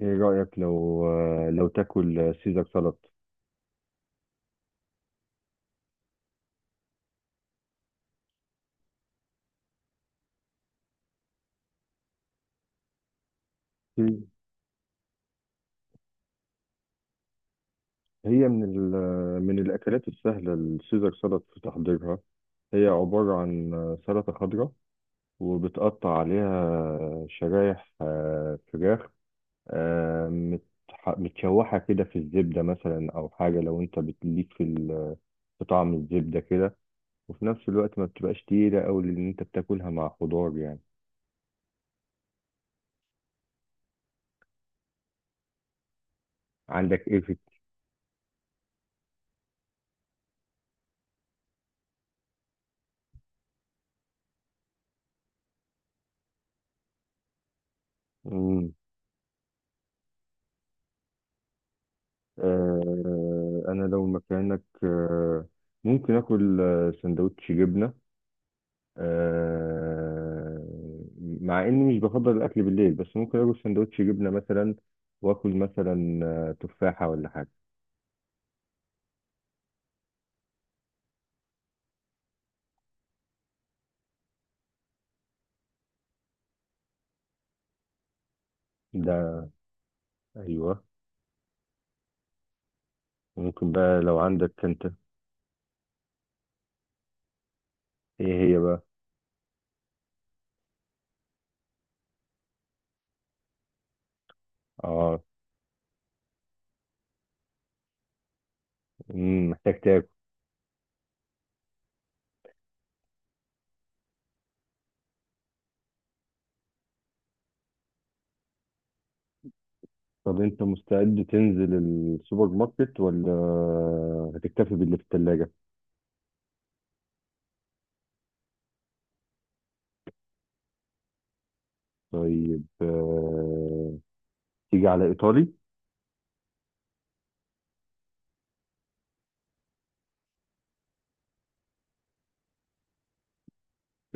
ايه رأيك لو تاكل سيزر سلطة؟ مم. هي من ال... من الأكلات السهلة السيزر سلطة في تحضيرها. هي عبارة عن سلطة خضراء، وبتقطع عليها شرايح فراخ متشوحة كده في الزبدة، مثلا أو حاجة، لو أنت بتليك في طعم الزبدة كده. وفي نفس الوقت ما بتبقاش تقيلة أوي، لأن أنت بتاكلها مع خضار يعني. عندك إيه في... مم. انا لو مكانك، ممكن اكل سندوتش جبنه. آه، مع اني مش بفضل الاكل بالليل، بس ممكن اكل سندوتش جبنه مثلا، واكل مثلا تفاحه ولا حاجه. ده ايوه، ممكن بقى لو عندك انت. ايه هي بقى؟ اه. محتاج تاكل. طب انت مستعد تنزل السوبر ماركت، ولا هتكتفي باللي في الثلاجه؟ طيب، تيجي على ايطالي.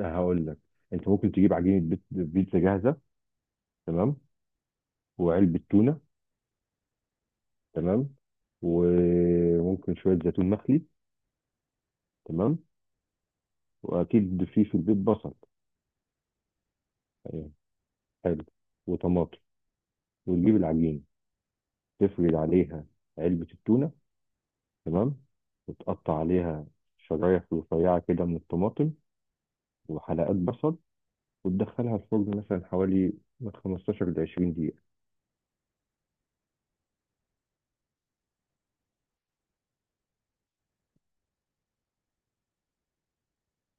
هقول لك، انت ممكن تجيب عجينه بيتزا جاهزه. تمام. وعلبه تونه. تمام. وممكن شويه زيتون مخلي. تمام. واكيد في البيت بصل يعني. حلو. وطماطم، وتجيب العجينه، تفرد عليها علبه التونه. تمام. وتقطع عليها شرايح رفيعه كده من الطماطم، وحلقات بصل، وتدخلها الفرن مثلا حوالي من 15 ل 20 دقيقه.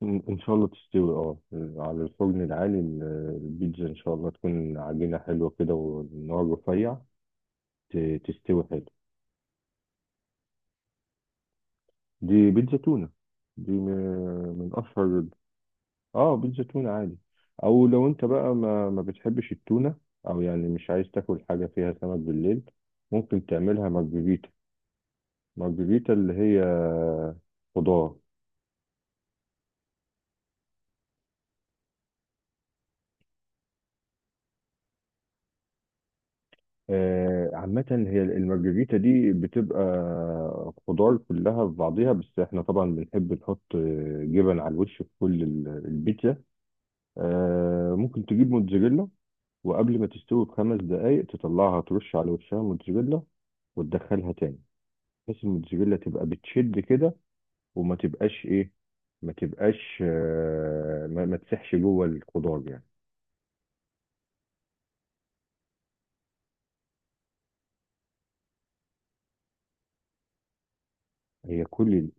إن شاء الله تستوي، أه. على الفرن العالي البيتزا إن شاء الله تكون عجينة حلوة كده، والنار رفيع. تستوي حلو. دي بيتزا تونة. دي من أشهر... أه، بيتزا تونة عادي. أو لو أنت بقى ما بتحبش التونة، أو يعني مش عايز تاكل حاجة فيها سمك بالليل، ممكن تعملها مارجريتا. مارجريتا اللي هي خضار. عامة هي المارجريتا دي بتبقى خضار كلها في بعضيها، بس احنا طبعا بنحب نحط جبن على الوش في كل البيتزا. ممكن تجيب موتزاريلا، وقبل ما تستوي بخمس دقايق تطلعها، ترش على وشها موتزاريلا، وتدخلها تاني، بحيث الموتزاريلا تبقى بتشد كده، وما تبقاش ايه، ما تبقاش ما تسحش جوه الخضار يعني. هي كل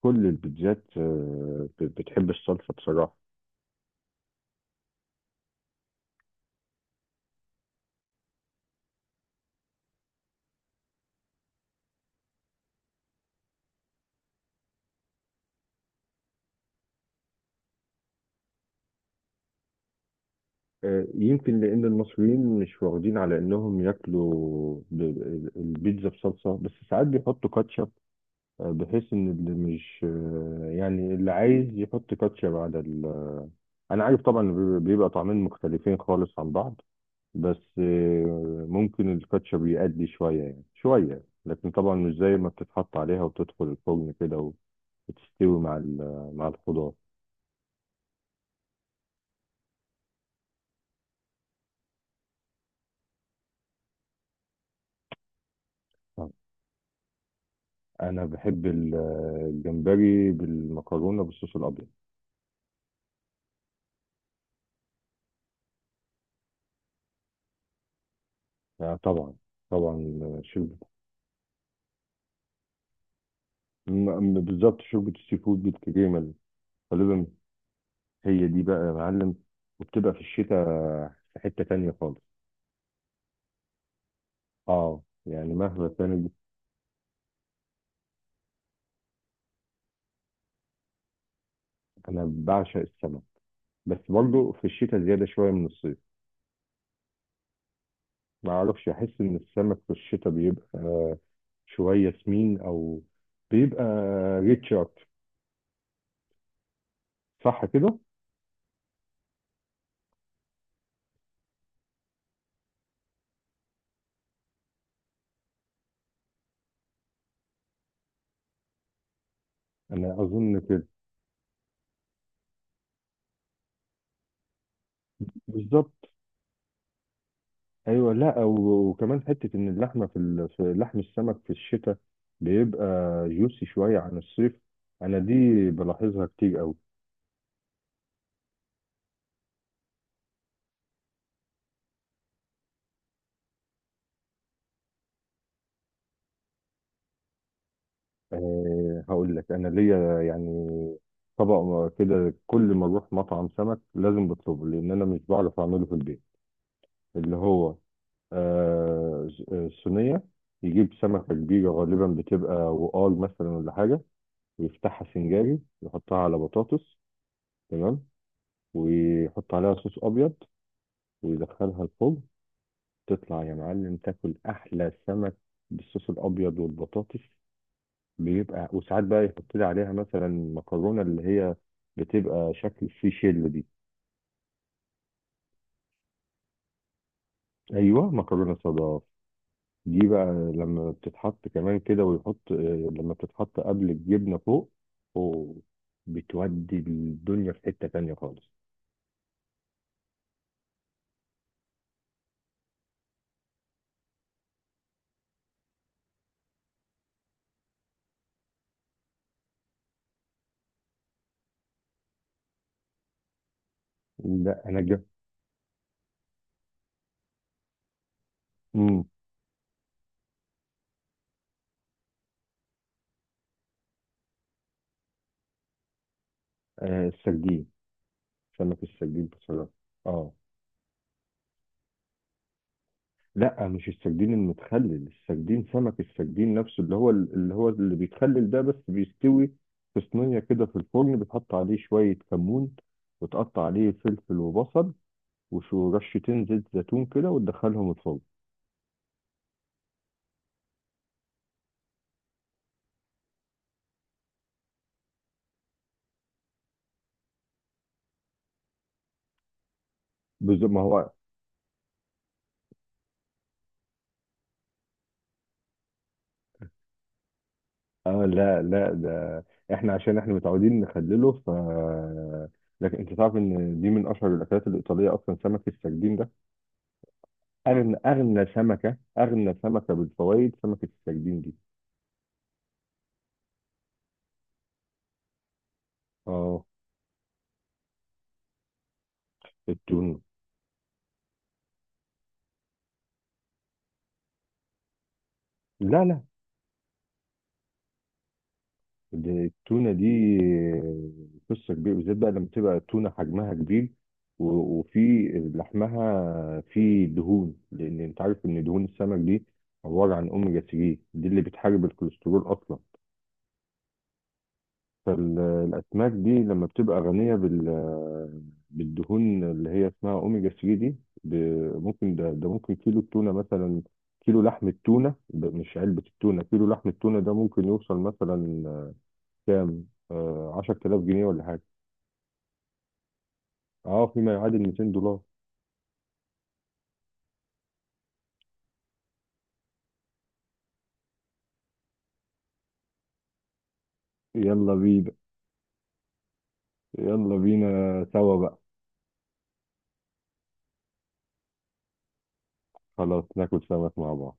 كل البيتزات بتحب الصلصة بصراحة. يمكن لأن المصريين مش واخدين على إنهم ياكلوا البيتزا بصلصة، بس ساعات بيحطوا كاتشب، بحيث إن اللي مش يعني اللي عايز يحط كاتشب على ال... أنا عارف طبعا، بيبقى طعمين مختلفين خالص عن بعض. بس ممكن الكاتشب يأدي شوية، يعني شوية، لكن طبعا مش زي ما بتتحط عليها وتدخل الفرن كده، وتستوي مع مع الخضار. أنا بحب الجمبري بالمكرونة بالصوص الأبيض. لا طبعا. طبعا شوربة. بالظبط شوربة السي فود بالكريمة غالبا. هي دي بقى يا معلم، وبتبقى في الشتاء في حتة تانية خالص. اه، يعني مهما كانت. أنا بعشق السمك، بس برضه في الشتاء زيادة شوية من الصيف. ما أعرفش، أحس إن السمك في الشتاء بيبقى شوية سمين، أو بيبقى ريتش أكتر، صح كده؟ أنا أظن كده، بالظبط. ايوه، لا وكمان حته ان اللحمه في لحم السمك في الشتاء بيبقى جوسي شويه عن الصيف. انا دي بلاحظها كتير قوي. أه، هقول لك انا ليا يعني طبق كده، كل ما اروح مطعم سمك لازم بطلبه، لان انا مش بعرف اعمله في البيت. اللي هو أه صينيه، يجيب سمكه كبيره غالبا بتبقى وقار مثلا ولا حاجه، ويفتحها سنجاري، يحطها على بطاطس. تمام. ويحط عليها صوص ابيض، ويدخلها الفرن. تطلع يا معلم تاكل احلى سمك بالصوص الابيض والبطاطس. بيبقى، وساعات بقى يحط لي عليها مثلا مكرونه، اللي هي بتبقى شكل في شيل دي. ايوه، مكرونه صدف دي بقى. لما بتتحط كمان كده، ويحط لما بتتحط قبل الجبنه فوق، أوه، بتودي الدنيا في حته تانيه خالص. لا انا جا... امم السردين، سمك السردين بصراحه. اه. لا، مش السردين المتخلل. السردين، سمك السردين نفسه، اللي بيتخلل ده، بس بيستوي في صينية كده في الفرن، بتحط عليه شوية كمون، وتقطع عليه فلفل وبصل، وشو رشتين زيت زيتون كده، وتدخلهم الفرن. ما هو... لا لا، ده احنا عشان احنا متعودين نخلله، ف... لكن انت تعرف ان دي من اشهر الاكلات الايطاليه، اصلا سمك السردين ده اغنى سمكه بالفوائد، سمكه السردين دي. اه، التونه. لا لا، دي التونة دي قصة كبيرة، بالذات بقى لما تبقى التونة حجمها كبير، وفي لحمها فيه دهون، لأن أنت عارف إن دهون السمك دي عبارة عن أوميجا 3، دي اللي بتحارب الكوليسترول أصلا. فالأسماك دي لما بتبقى غنية بالدهون اللي هي اسمها أوميجا 3 دي، ب- ممكن ده ده ممكن كيلو التونة مثلا، كيلو لحم التونة ده، مش علبة التونة، كيلو لحم التونة ده ممكن يوصل مثلا كام؟ 10000 جنيه ولا حاجة. اه، فيما يعادل 200 دولار. يلا بينا. يلا بينا سوا بقى. خلاص ناكل سمك مع بعض.